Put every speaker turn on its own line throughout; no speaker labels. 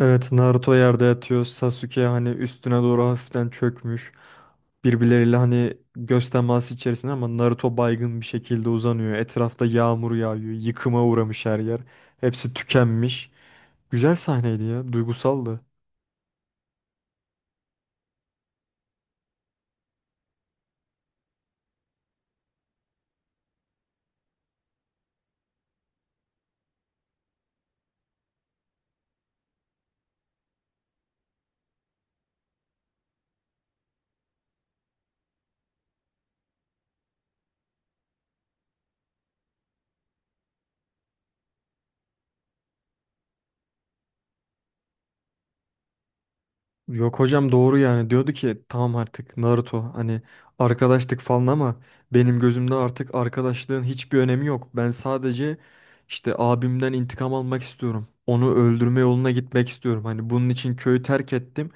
Evet, Naruto yerde yatıyor. Sasuke hani üstüne doğru hafiften çökmüş. Birbirleriyle hani göz teması içerisinde ama Naruto baygın bir şekilde uzanıyor. Etrafta yağmur yağıyor. Yıkıma uğramış her yer. Hepsi tükenmiş. Güzel sahneydi ya. Duygusaldı. Yok hocam doğru, yani diyordu ki tamam artık Naruto hani arkadaştık falan ama benim gözümde artık arkadaşlığın hiçbir önemi yok. Ben sadece işte abimden intikam almak istiyorum. Onu öldürme yoluna gitmek istiyorum. Hani bunun için köyü terk ettim.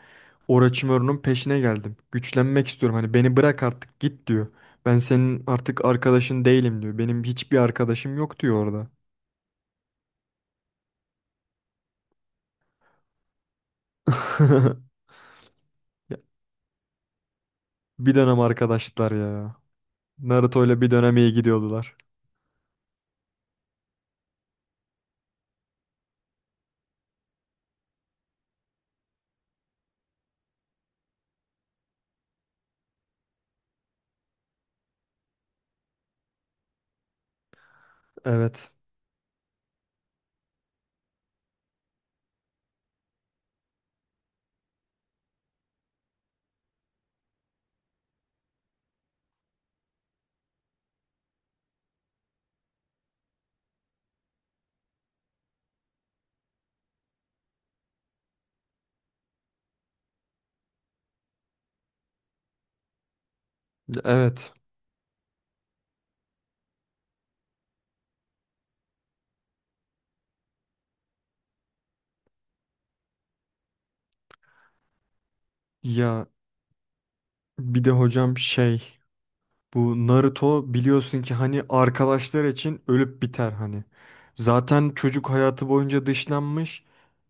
Orochimaru'nun peşine geldim. Güçlenmek istiyorum. Hani beni bırak artık git diyor. Ben senin artık arkadaşın değilim diyor. Benim hiçbir arkadaşım yok diyor orada. Ya, bir dönem arkadaşlar ya. Naruto ile bir dönem iyi gidiyordular. Evet. Evet. Ya bir de hocam şey, bu Naruto biliyorsun ki hani arkadaşlar için ölüp biter hani. Zaten çocuk hayatı boyunca dışlanmış.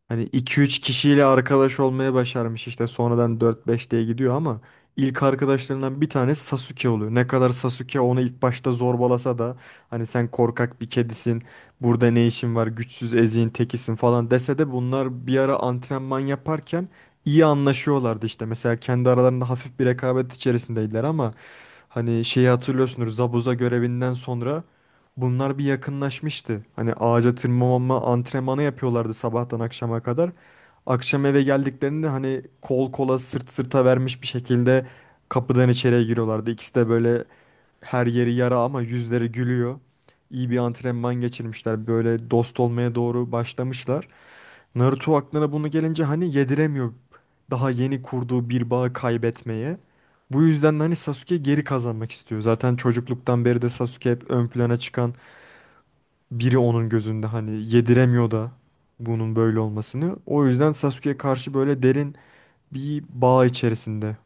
Hani iki üç kişiyle arkadaş olmaya başarmış, işte sonradan dört beş diye gidiyor ama ilk arkadaşlarından bir tanesi Sasuke oluyor. Ne kadar Sasuke onu ilk başta zorbalasa da hani sen korkak bir kedisin, burada ne işin var, güçsüz eziğin tekisin falan dese de bunlar bir ara antrenman yaparken iyi anlaşıyorlardı işte. Mesela kendi aralarında hafif bir rekabet içerisindeydiler ama hani şeyi hatırlıyorsunuz, Zabuza görevinden sonra bunlar bir yakınlaşmıştı. Hani ağaca tırmanma antrenmanı yapıyorlardı sabahtan akşama kadar. Akşam eve geldiklerinde hani kol kola, sırt sırta vermiş bir şekilde kapıdan içeriye giriyorlardı. İkisi de böyle her yeri yara ama yüzleri gülüyor. İyi bir antrenman geçirmişler. Böyle dost olmaya doğru başlamışlar. Naruto aklına bunu gelince hani yediremiyor daha yeni kurduğu bir bağı kaybetmeye. Bu yüzden de hani Sasuke geri kazanmak istiyor. Zaten çocukluktan beri de Sasuke hep ön plana çıkan biri onun gözünde, hani yediremiyor da bunun böyle olmasını. O yüzden Sasuke'ye karşı böyle derin bir bağ içerisinde.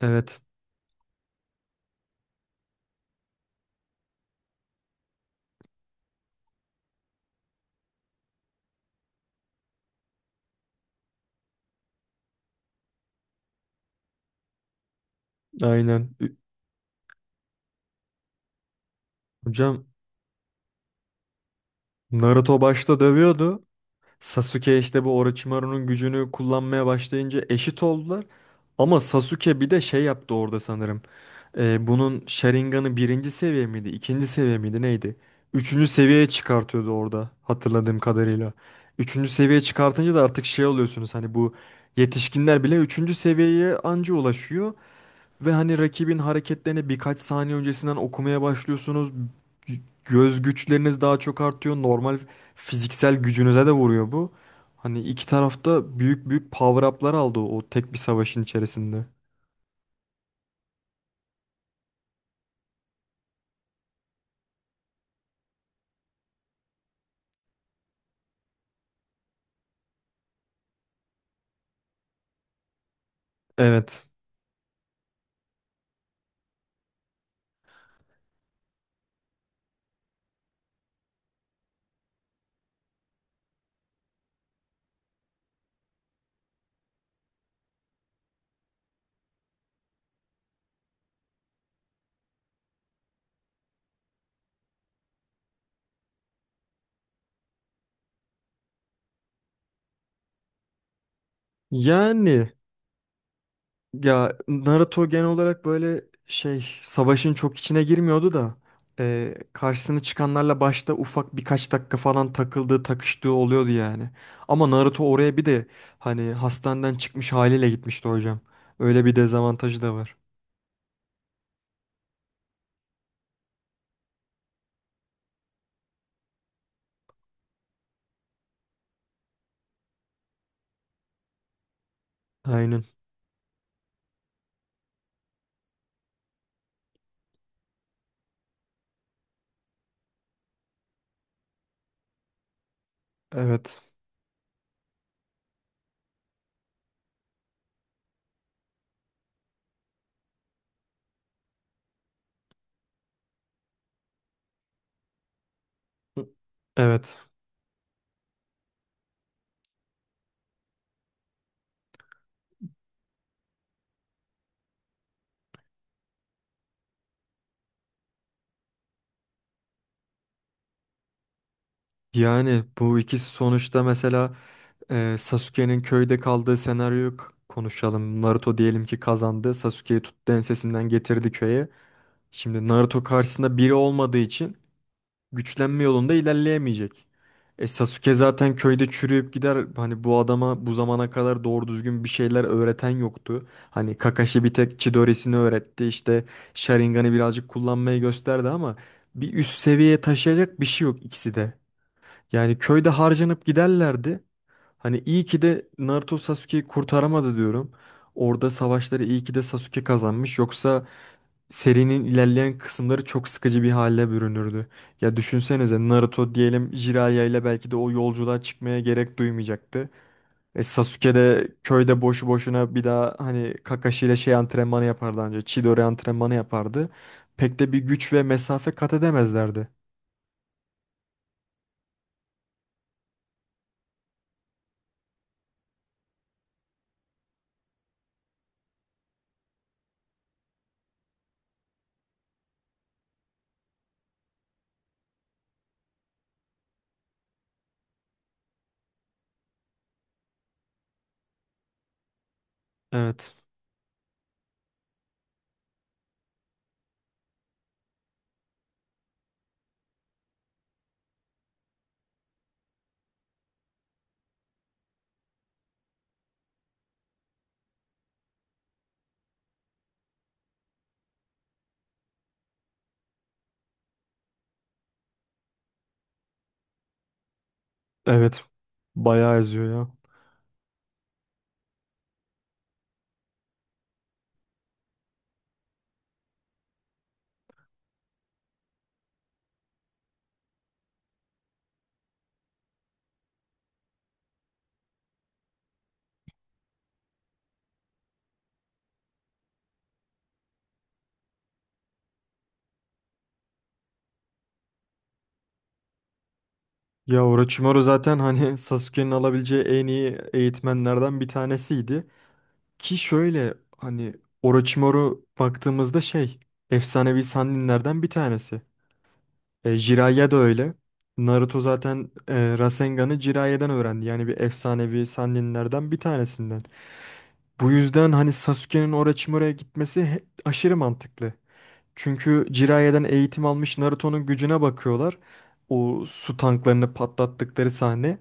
Evet, aynen. Hocam Naruto başta dövüyordu. Sasuke işte bu Orochimaru'nun gücünü kullanmaya başlayınca eşit oldular. Ama Sasuke bir de şey yaptı orada sanırım. Bunun Sharingan'ı birinci seviye miydi, ikinci seviye miydi neydi? Üçüncü seviyeye çıkartıyordu orada hatırladığım kadarıyla. Üçüncü seviyeye çıkartınca da artık şey oluyorsunuz, hani bu yetişkinler bile üçüncü seviyeye anca ulaşıyor. Ve hani rakibin hareketlerini birkaç saniye öncesinden okumaya başlıyorsunuz. Göz güçleriniz daha çok artıyor. Normal fiziksel gücünüze de vuruyor bu. Hani iki tarafta büyük büyük power up'lar aldı o tek bir savaşın içerisinde. Evet. Yani Ya Naruto genel olarak böyle şey, savaşın çok içine girmiyordu da karşısına çıkanlarla başta ufak birkaç dakika falan takıldığı takıştığı oluyordu yani. Ama Naruto oraya bir de hani hastaneden çıkmış haliyle gitmişti hocam. Öyle bir dezavantajı da var. Aynen. Evet. Evet. Yani bu ikisi sonuçta, mesela Sasuke'nin köyde kaldığı senaryoyu konuşalım. Naruto diyelim ki kazandı. Sasuke'yi tuttu, ensesinden getirdi köye. Şimdi Naruto karşısında biri olmadığı için güçlenme yolunda ilerleyemeyecek. E Sasuke zaten köyde çürüyüp gider. Hani bu adama bu zamana kadar doğru düzgün bir şeyler öğreten yoktu. Hani Kakashi bir tek Chidori'sini öğretti. İşte Sharingan'ı birazcık kullanmayı gösterdi ama bir üst seviyeye taşıyacak bir şey yok ikisi de. Yani köyde harcanıp giderlerdi. Hani iyi ki de Naruto Sasuke'yi kurtaramadı diyorum. Orada savaşları iyi ki de Sasuke kazanmış. Yoksa serinin ilerleyen kısımları çok sıkıcı bir hale bürünürdü. Ya düşünsenize, Naruto diyelim Jiraiya ile belki de o yolculuğa çıkmaya gerek duymayacaktı. E Sasuke de köyde boşu boşuna bir daha hani Kakashi ile şey antrenmanı yapardı, anca Chidori antrenmanı yapardı. Pek de bir güç ve mesafe kat edemezlerdi. Evet. Evet. Bayağı eziyor ya. Ya Orochimaru zaten hani Sasuke'nin alabileceği en iyi eğitmenlerden bir tanesiydi. Ki şöyle hani, Orochimaru baktığımızda şey, efsanevi Sanninlerden bir tanesi. E, Jiraiya da öyle. Naruto zaten Rasengan'ı Jiraiya'dan öğrendi. Yani bir efsanevi Sanninlerden bir tanesinden. Bu yüzden hani Sasuke'nin Orochimaru'ya gitmesi aşırı mantıklı. Çünkü Jiraiya'dan eğitim almış Naruto'nun gücüne bakıyorlar. O su tanklarını patlattıkları sahne.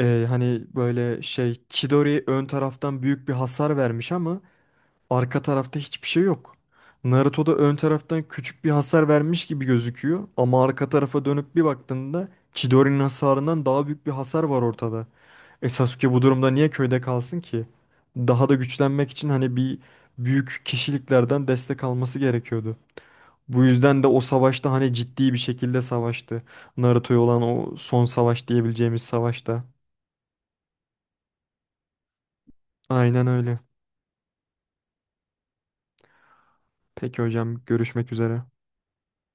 E, hani böyle şey, Chidori ön taraftan büyük bir hasar vermiş ama arka tarafta hiçbir şey yok. Naruto'da ön taraftan küçük bir hasar vermiş gibi gözüküyor ama arka tarafa dönüp bir baktığında Chidori'nin hasarından daha büyük bir hasar var ortada. E Sasuke bu durumda niye köyde kalsın ki? Daha da güçlenmek için hani bir büyük kişiliklerden destek alması gerekiyordu. Bu yüzden de o savaşta hani ciddi bir şekilde savaştı. Naruto'ya olan o son savaş diyebileceğimiz savaşta. Aynen öyle. Peki hocam, görüşmek üzere.